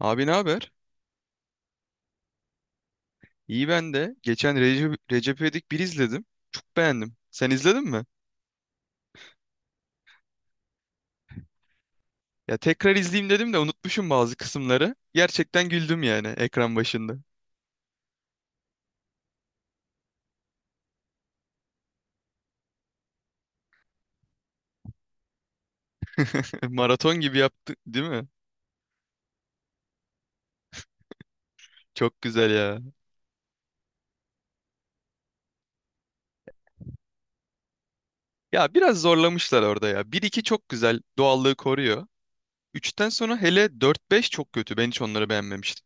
Abi ne haber? İyi ben de. Geçen Recep İvedik 1 izledim. Çok beğendim. Sen izledin mi? Ya tekrar izleyeyim dedim de unutmuşum bazı kısımları. Gerçekten güldüm yani ekran başında. Maraton gibi yaptı, değil mi? Çok güzel ya. Ya biraz zorlamışlar orada ya. Bir iki çok güzel, doğallığı koruyor. Üçten sonra hele dört beş çok kötü. Ben hiç onları beğenmemiştim.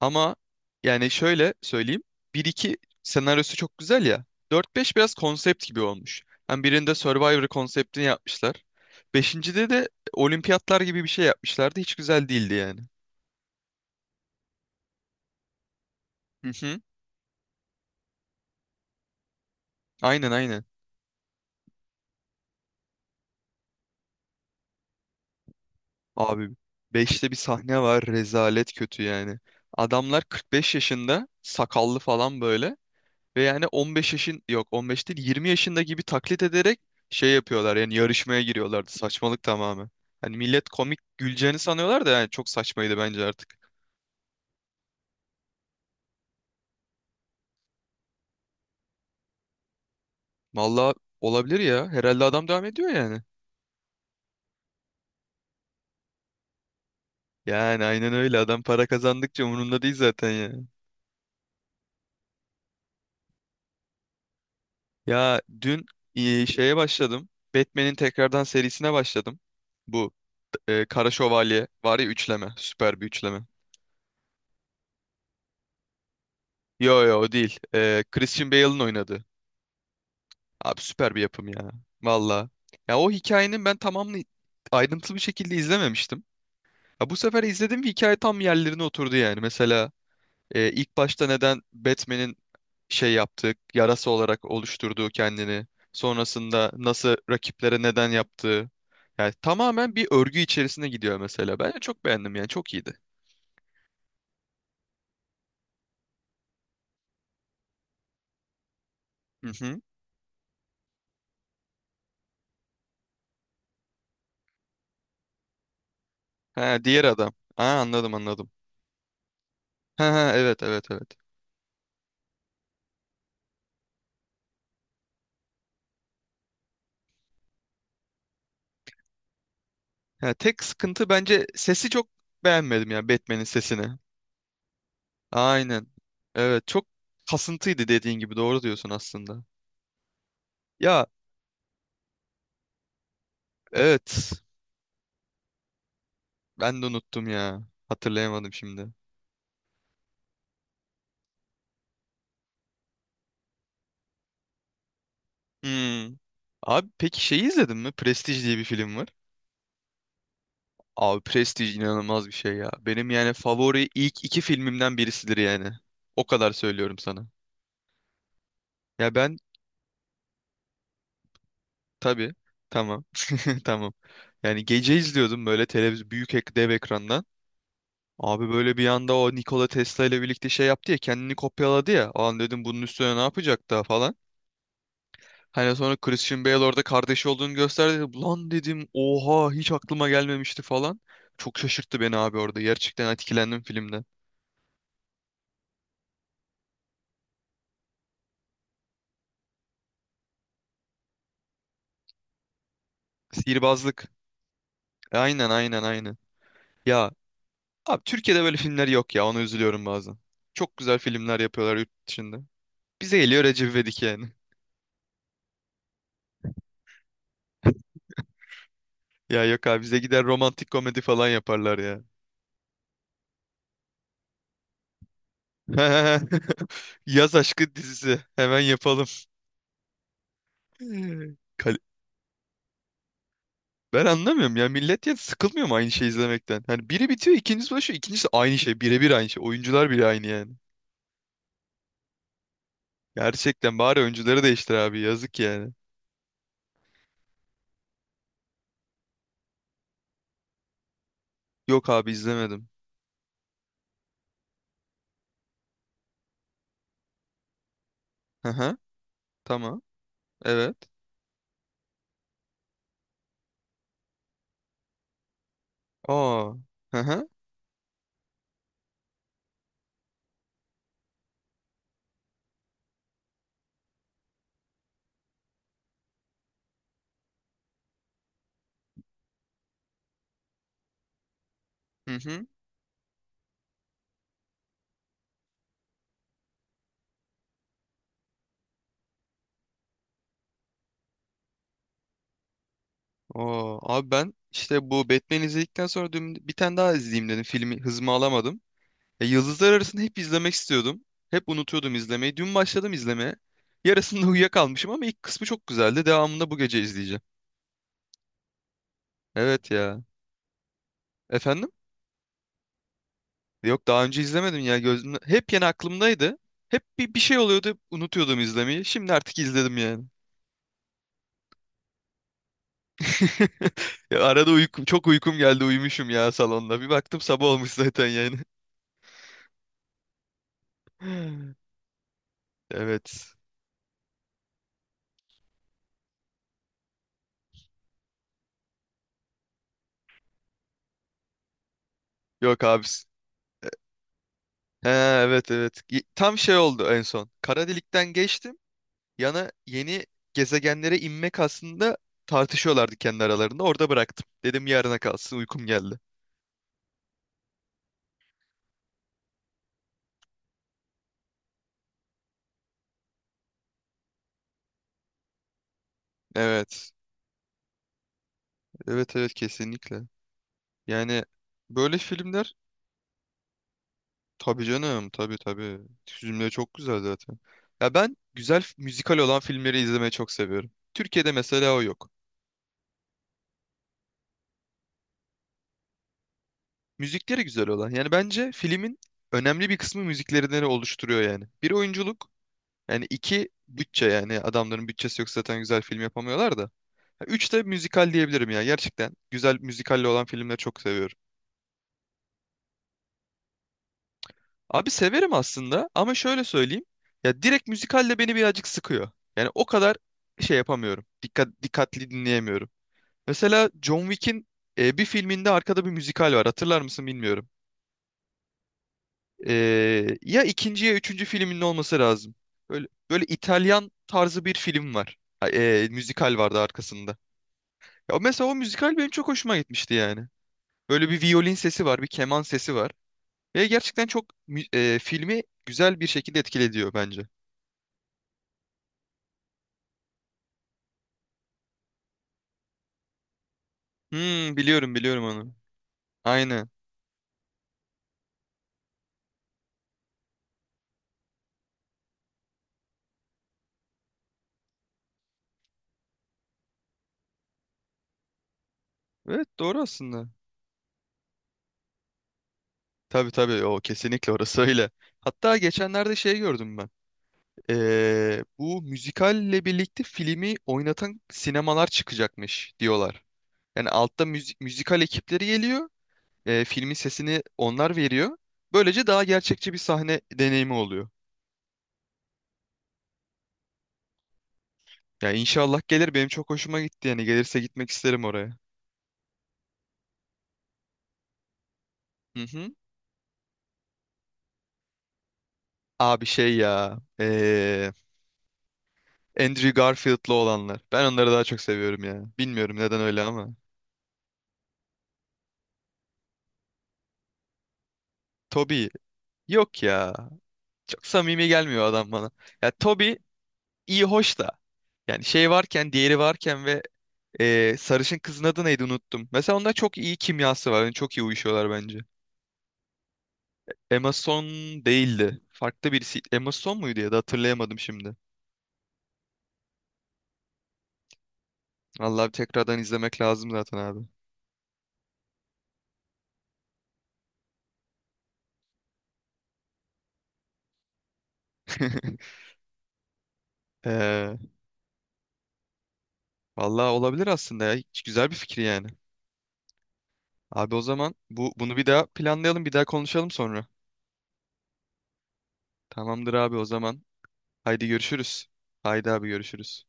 Ama yani şöyle söyleyeyim. Bir iki senaryosu çok güzel ya. Dört beş biraz konsept gibi olmuş. Hem birinde Survivor konseptini yapmışlar. Beşincide de olimpiyatlar gibi bir şey yapmışlardı. Hiç güzel değildi yani. Hı hı. Aynen aynen. Abi beşte bir sahne var, rezalet kötü yani. Adamlar 45 yaşında sakallı falan böyle. Ve yani 15 yaşın yok, 15 değil 20 yaşında gibi taklit ederek şey yapıyorlar, yani yarışmaya giriyorlardı, saçmalık tamamen. Hani millet komik güleceğini sanıyorlar da yani çok saçmaydı bence artık. Vallahi olabilir ya, herhalde adam devam ediyor yani. Yani aynen öyle, adam para kazandıkça umurunda değil zaten ya. Ya dün şeye başladım, Batman'in tekrardan serisine başladım. Bu Kara Şövalye var ya, üçleme, süper bir üçleme. Yo yo o değil. Christian Bale'ın oynadığı. Abi süper bir yapım ya. Valla. Ya o hikayenin ben tamamını ayrıntılı bir şekilde izlememiştim. Ya bu sefer izledim ve hikaye tam yerlerine oturdu yani. Mesela ilk başta neden Batman'in şey yaptığı, yarası olarak oluşturduğu kendini. Sonrasında nasıl rakiplere neden yaptığı. Yani tamamen bir örgü içerisine gidiyor mesela. Ben de çok beğendim yani, çok iyiydi. Hı hı. Ha, diğer adam. Ha, anladım anladım. Ha, ha, evet evet evet. Ha, tek sıkıntı bence sesi, çok beğenmedim ya Batman'in sesini. Aynen. Evet, çok kasıntıydı, dediğin gibi, doğru diyorsun aslında. Ya evet, ben de unuttum ya. Hatırlayamadım şimdi. Hmm. Abi peki şeyi izledin mi? Prestige diye bir film var. Abi Prestige inanılmaz bir şey ya. Benim yani favori ilk iki filmimden birisidir yani. O kadar söylüyorum sana. Ya ben, tabii, tamam. Tamam. Yani gece izliyordum böyle televizyon, büyük ek dev ekrandan. Abi böyle bir anda o Nikola Tesla ile birlikte şey yaptı ya, kendini kopyaladı ya. O an dedim bunun üstüne ne yapacak daha falan. Hani sonra Christian Bale orada kardeşi olduğunu gösterdi. Lan dedim, oha, hiç aklıma gelmemişti falan. Çok şaşırttı beni abi orada. Gerçekten etkilendim filmden. Sihirbazlık. Aynen aynen aynen. Ya abi Türkiye'de böyle filmler yok ya, ona üzülüyorum bazen. Çok güzel filmler yapıyorlar yurt dışında. Bize geliyor Recep İvedik yani. Ya yok abi, bize gider romantik komedi falan yaparlar ya. Yaz aşkı dizisi. Hemen yapalım. Kal- Ben anlamıyorum ya. Millet ya sıkılmıyor mu aynı şeyi izlemekten? Hani biri bitiyor, ikincisi başlıyor, ikincisi aynı şey. Birebir aynı şey. Oyuncular bile aynı yani. Gerçekten bari oyuncuları değiştir abi. Yazık yani. Yok abi, izlemedim. Hı hı. Tamam. Evet. Aa. Hı hı. Hı hı. Aa. Abi ben işte bu Batman'i izledikten sonra dün bir tane daha izleyeyim dedim. Filmi, hızımı alamadım. Ya Yıldızlar Arası'nı hep izlemek istiyordum. Hep unutuyordum izlemeyi. Dün başladım izlemeye. Yarısında uyuyakalmışım ama ilk kısmı çok güzeldi. Devamında bu gece izleyeceğim. Evet ya. Efendim? Yok, daha önce izlemedim ya. Gözüm, hep yeni aklımdaydı. Hep bir şey oluyordu. Unutuyordum izlemeyi. Şimdi artık izledim yani. Ya arada çok uykum geldi. Uyumuşum ya salonda. Bir baktım sabah olmuş zaten yani. Evet. Yok abi. He, evet evet. Tam şey oldu en son. Kara delikten geçtim. Yana yeni gezegenlere inmek aslında tartışıyorlardı kendi aralarında. Orada bıraktım. Dedim yarına kalsın, uykum geldi. Evet. Evet evet, kesinlikle. Yani böyle filmler, tabii canım, tabii tabii. Filmleri çok güzel zaten. Ya ben güzel müzikal olan filmleri izlemeyi çok seviyorum. Türkiye'de mesela o yok. Müzikleri güzel olan. Yani bence filmin önemli bir kısmı müziklerinden oluşturuyor yani. Bir, oyunculuk. Yani iki, bütçe, yani adamların bütçesi yok, zaten güzel film yapamıyorlar da. Üç de müzikal diyebilirim ya. Gerçekten güzel müzikalle olan filmleri çok seviyorum. Abi severim aslında ama şöyle söyleyeyim. Ya direkt müzikalle beni birazcık sıkıyor. Yani o kadar şey yapamıyorum. Dikkatli dinleyemiyorum. Mesela John Wick'in bir filminde arkada bir müzikal var. Hatırlar mısın bilmiyorum. E, Ya ikinci ya üçüncü filminin olması lazım. Böyle İtalyan tarzı bir film var. Ha, müzikal vardı arkasında. Ya mesela o müzikal benim çok hoşuma gitmişti yani. Böyle bir violin sesi var, bir keman sesi var. Ve gerçekten çok filmi güzel bir şekilde etkilediyor bence. Biliyorum biliyorum onu. Aynen. Evet, doğru aslında. Tabii tabii, o kesinlikle, orası öyle. Hatta geçenlerde şey gördüm ben. Bu müzikalle birlikte filmi oynatan sinemalar çıkacakmış diyorlar. Yani altta müzikal ekipleri geliyor. Filmin sesini onlar veriyor. Böylece daha gerçekçi bir sahne deneyimi oluyor. Ya inşallah gelir, benim çok hoşuma gitti, yani gelirse gitmek isterim oraya. Hı hı. Abi şey ya. Andrew Garfield'lı olanlar. Ben onları daha çok seviyorum ya. Bilmiyorum neden öyle ama. Toby, yok ya. Çok samimi gelmiyor adam bana. Ya Toby iyi hoş da. Yani şey varken, diğeri varken ve sarışın kızın adı neydi, unuttum. Mesela onda çok iyi kimyası var. Yani çok iyi uyuşuyorlar bence. Emma Stone değildi. Farklı birisi. Emma Stone muydu ya da, hatırlayamadım şimdi. Vallahi bir tekrardan izlemek lazım zaten abi. Eee Vallahi olabilir aslında ya. Hiç güzel bir fikir yani. Abi o zaman bunu bir daha planlayalım, bir daha konuşalım sonra. Tamamdır abi o zaman. Haydi görüşürüz. Haydi abi görüşürüz.